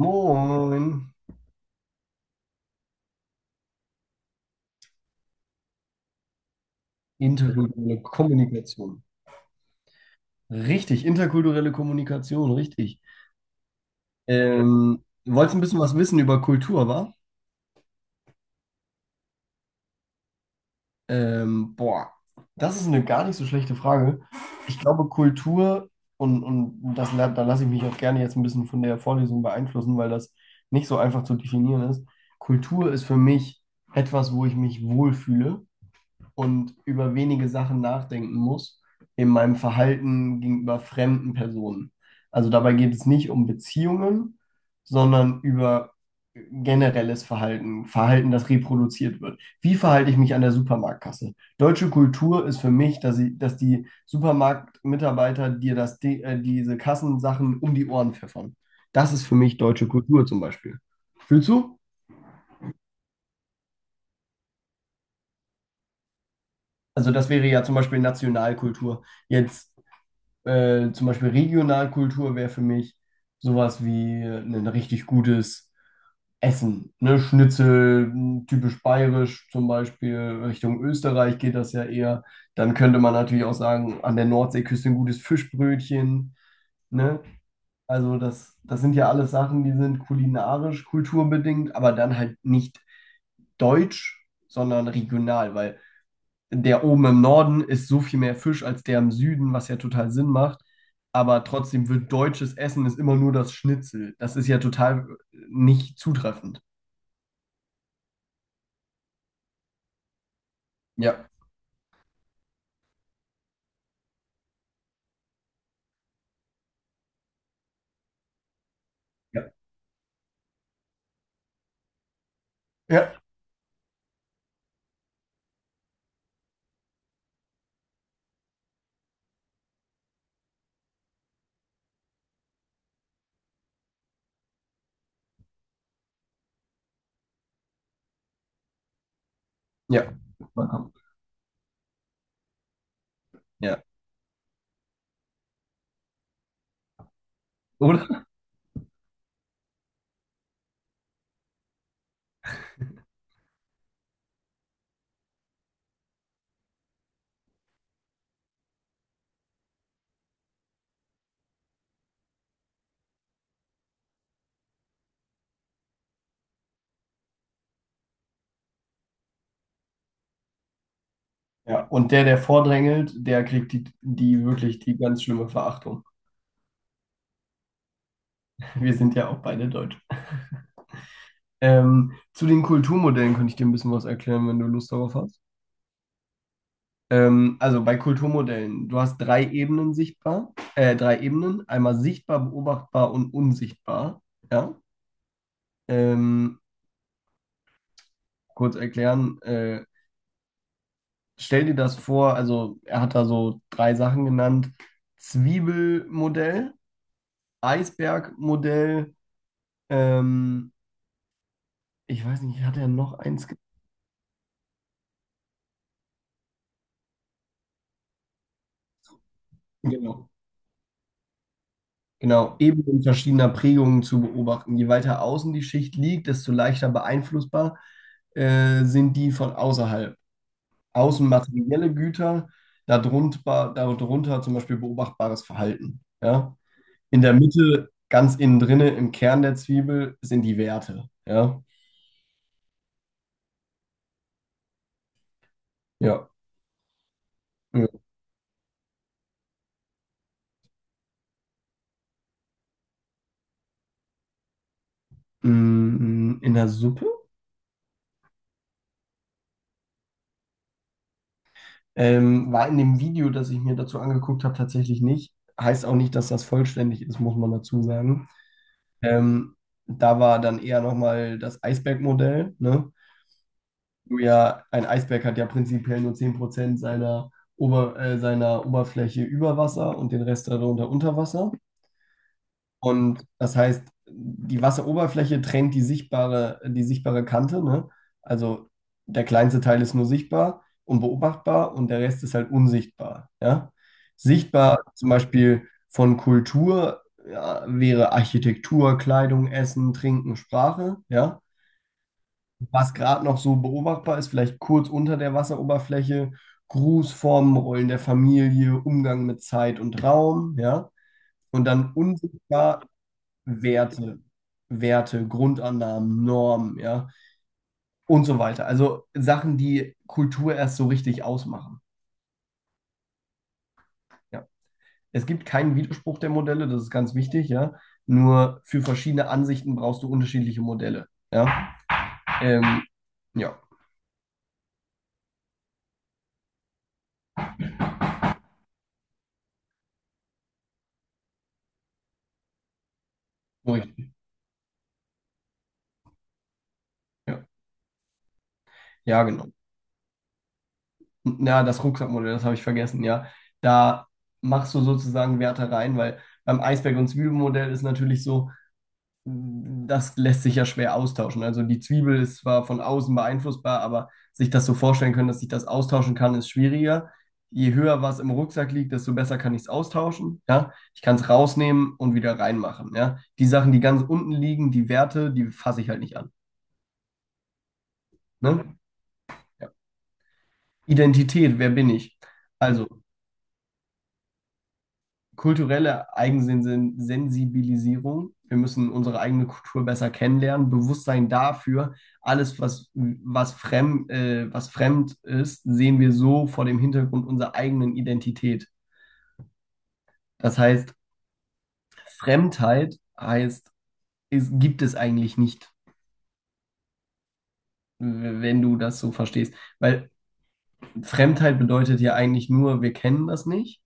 Moin. Interkulturelle Kommunikation. Richtig, interkulturelle Kommunikation, richtig. Wolltest ein bisschen was wissen über Kultur, wa? Ähm, boah, Das ist eine gar nicht so schlechte Frage. Ich glaube, Kultur, und das, da lasse ich mich auch gerne jetzt ein bisschen von der Vorlesung beeinflussen, weil das nicht so einfach zu definieren ist. Kultur ist für mich etwas, wo ich mich wohlfühle und über wenige Sachen nachdenken muss in meinem Verhalten gegenüber fremden Personen. Also dabei geht es nicht um Beziehungen, sondern über generelles Verhalten, das reproduziert wird. Wie verhalte ich mich an der Supermarktkasse? Deutsche Kultur ist für mich, dass die Supermarktmitarbeiter dir diese Kassensachen um die Ohren pfeffern. Das ist für mich deutsche Kultur zum Beispiel. Fühlst du? Also das wäre ja zum Beispiel Nationalkultur. Jetzt zum Beispiel Regionalkultur wäre für mich sowas wie ein richtig gutes Essen. Ne? Schnitzel, typisch bayerisch zum Beispiel, Richtung Österreich geht das ja eher. Dann könnte man natürlich auch sagen, an der Nordseeküste ein gutes Fischbrötchen. Ne? Also das sind ja alles Sachen, die sind kulinarisch, kulturbedingt, aber dann halt nicht deutsch, sondern regional, weil der oben im Norden ist so viel mehr Fisch als der im Süden, was ja total Sinn macht. Aber trotzdem wird deutsches Essen ist immer nur das Schnitzel. Das ist ja total nicht zutreffend. Ja. Ja. Ja. Ja. Ja. Oder? Ja. Und der, der vordrängelt, der kriegt die, die wirklich die ganz schlimme Verachtung. Wir sind ja auch beide Deutsch. Zu den Kulturmodellen könnte ich dir ein bisschen was erklären, wenn du Lust darauf hast. Also bei Kulturmodellen, du hast drei Ebenen, einmal sichtbar, beobachtbar und unsichtbar. Ja? Ähm, kurz erklären, stell dir das vor, also er hat da so drei Sachen genannt: Zwiebelmodell, Eisbergmodell, ähm, ich weiß nicht, hat er noch eins? Genau. Genau, Ebenen verschiedener Prägungen zu beobachten. Je weiter außen die Schicht liegt, desto leichter beeinflussbar sind die von außerhalb. Außen materielle Güter, darunter zum Beispiel beobachtbares Verhalten. Ja? In der Mitte, ganz innen drinne, im Kern der Zwiebel sind die Werte. Ja, ja. Ja. In der Suppe war in dem Video, das ich mir dazu angeguckt habe, tatsächlich nicht. Heißt auch nicht, dass das vollständig ist, muss man dazu sagen. Ähm, Da war dann eher nochmal das Eisbergmodell, ne? Du ja, ein Eisberg hat ja prinzipiell nur 10% seiner Oberfläche über Wasser und den Rest darunter unter Wasser. Und das heißt, die Wasseroberfläche trennt die sichtbare Kante, ne? Also der kleinste Teil ist nur sichtbar und beobachtbar und der Rest ist halt unsichtbar, ja? Sichtbar zum Beispiel von Kultur, ja, wäre Architektur, Kleidung, Essen, Trinken, Sprache, ja? Was gerade noch so beobachtbar ist, vielleicht kurz unter der Wasseroberfläche, Grußformen, Rollen der Familie, Umgang mit Zeit und Raum, ja. Und dann unsichtbar Werte, Werte, Grundannahmen, Normen, ja, und so weiter. Also Sachen, die Kultur erst so richtig ausmachen. Ja. Es gibt keinen Widerspruch der Modelle, das ist ganz wichtig, ja. Nur für verschiedene Ansichten brauchst du unterschiedliche Modelle. Ja, ähm, ja, so richtig. Ja, ja genau. Ja, das Rucksackmodell, das habe ich vergessen, ja. Da machst du sozusagen Werte rein, weil beim Eisberg- und Zwiebelmodell ist natürlich so, das lässt sich ja schwer austauschen. Also die Zwiebel ist zwar von außen beeinflussbar, aber sich das so vorstellen können, dass ich das austauschen kann, ist schwieriger. Je höher was im Rucksack liegt, desto besser kann ich es austauschen. Ja? Ich kann es rausnehmen und wieder reinmachen. Ja? Die Sachen, die ganz unten liegen, die Werte, die fasse ich halt nicht an. Ne? Ja. Identität, wer bin ich? Mhm. Also, kulturelle Eigensensibilisierung. Wir müssen unsere eigene Kultur besser kennenlernen, Bewusstsein dafür, alles, was fremd ist, sehen wir so vor dem Hintergrund unserer eigenen Identität. Das heißt, Fremdheit heißt, es gibt es eigentlich nicht, wenn du das so verstehst. Weil Fremdheit bedeutet ja eigentlich nur, wir kennen das nicht,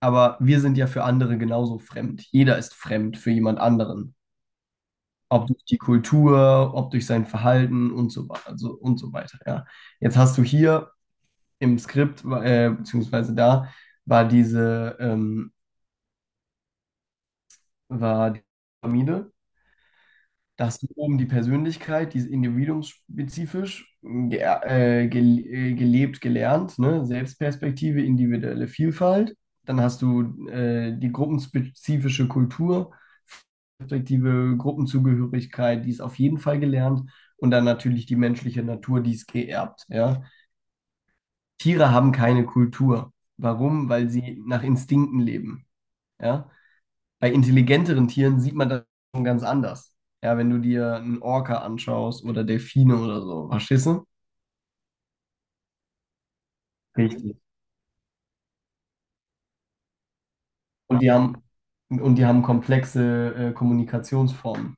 aber wir sind ja für andere genauso fremd. Jeder ist fremd für jemand anderen. Ob durch die Kultur, ob durch sein Verhalten und so, also, und so weiter, ja. Jetzt hast du hier im Skript, beziehungsweise da, war diese, ähm, war die Pyramide. Da hast du oben die Persönlichkeit, die ist individuumsspezifisch ge gel gelebt, gelernt, ne? Selbstperspektive, individuelle Vielfalt. Dann hast du die gruppenspezifische Kultur, respektive Gruppenzugehörigkeit, die ist auf jeden Fall gelernt. Und dann natürlich die menschliche Natur, die ist geerbt. Ja? Tiere haben keine Kultur. Warum? Weil sie nach Instinkten leben. Ja? Bei intelligenteren Tieren sieht man das schon ganz anders. Ja, wenn du dir einen Orca anschaust oder Delfine oder so, verstehst du? Richtig. Und die haben, und die haben komplexe Kommunikationsformen.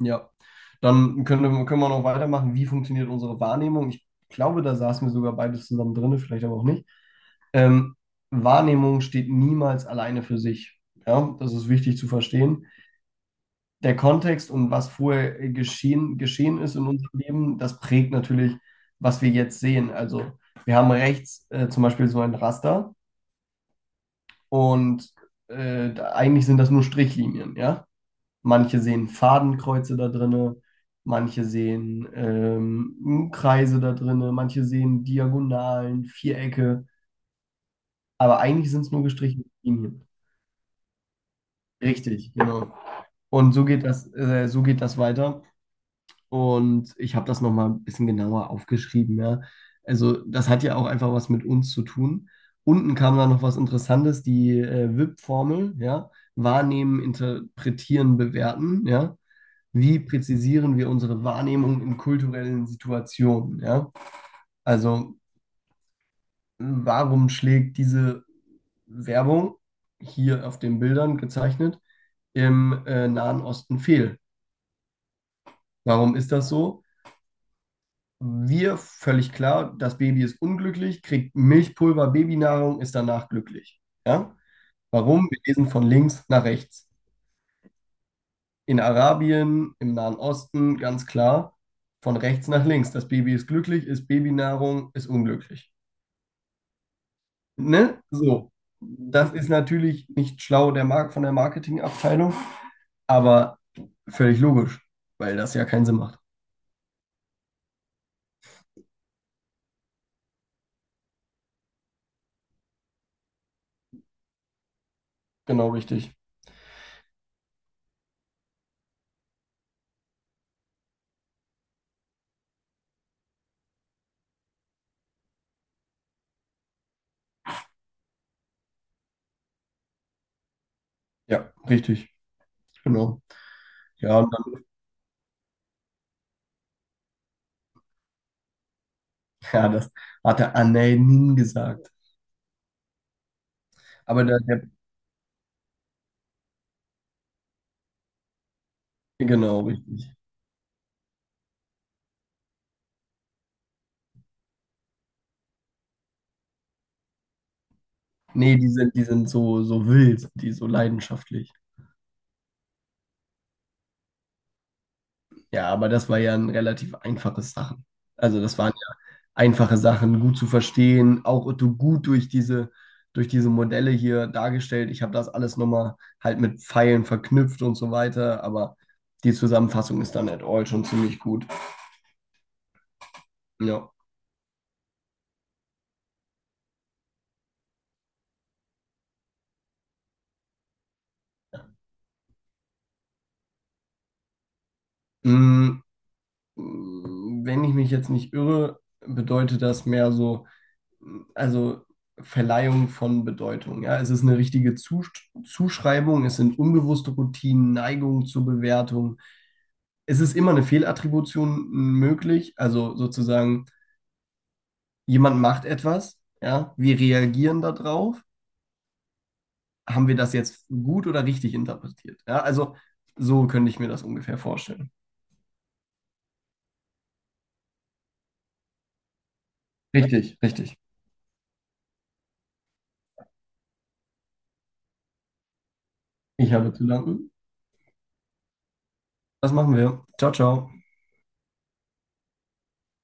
Ja. Dann können wir noch weitermachen. Wie funktioniert unsere Wahrnehmung? Ich glaube, da saßen wir sogar beides zusammen drin, vielleicht aber auch nicht. Ähm, Wahrnehmung steht niemals alleine für sich. Ja, das ist wichtig zu verstehen. Der Kontext und was vorher geschehen ist in unserem Leben, das prägt natürlich, was wir jetzt sehen. Also wir haben rechts zum Beispiel so ein Raster und eigentlich sind das nur Strichlinien, ja. Manche sehen Fadenkreuze da drinne, manche sehen Kreise da drinne, manche sehen Diagonalen, Vierecke, aber eigentlich sind es nur gestrichene Linien. Richtig, genau. Und so geht das weiter. Und ich habe das nochmal ein bisschen genauer aufgeschrieben, ja. Also das hat ja auch einfach was mit uns zu tun. Unten kam dann noch was Interessantes, die WIP-Formel, ja. Wahrnehmen, interpretieren, bewerten, ja. Wie präzisieren wir unsere Wahrnehmung in kulturellen Situationen, ja. Also warum schlägt diese Werbung hier auf den Bildern gezeichnet im Nahen Osten fehl? Warum ist das so? Wir, völlig klar, das Baby ist unglücklich, kriegt Milchpulver, Babynahrung, ist danach glücklich. Ja? Warum? Wir lesen von links nach rechts. In Arabien, im Nahen Osten, ganz klar, von rechts nach links. Das Baby ist glücklich, ist Babynahrung, ist unglücklich. Ne? So. Das ist natürlich nicht schlau der Mark von der Marketingabteilung, aber völlig logisch, weil das ja keinen Sinn macht. Genau, richtig. Ja, richtig. Genau. Ja, ja, das hat der Anelin gesagt. Aber genau, richtig. Nee, die sind so, so wild, die so leidenschaftlich. Ja, aber das war ja ein relativ einfaches Sachen. Also das waren ja einfache Sachen, gut zu verstehen, auch gut durch durch diese Modelle hier dargestellt. Ich habe das alles nochmal halt mit Pfeilen verknüpft und so weiter, aber die Zusammenfassung ist dann at all schon ziemlich gut. Ja. Mm, Wenn ich mich jetzt nicht irre, bedeutet das mehr so also Verleihung von Bedeutung. Ja, es ist eine richtige Zuschreibung, es sind unbewusste Routinen, Neigungen zur Bewertung. Es ist immer eine Fehlattribution möglich, also sozusagen, jemand macht etwas, ja, wir reagieren darauf. Haben wir das jetzt gut oder richtig interpretiert? Ja, also so könnte ich mir das ungefähr vorstellen. Richtig, richtig. Ich habe zu danken. Das machen wir. Ciao, ciao.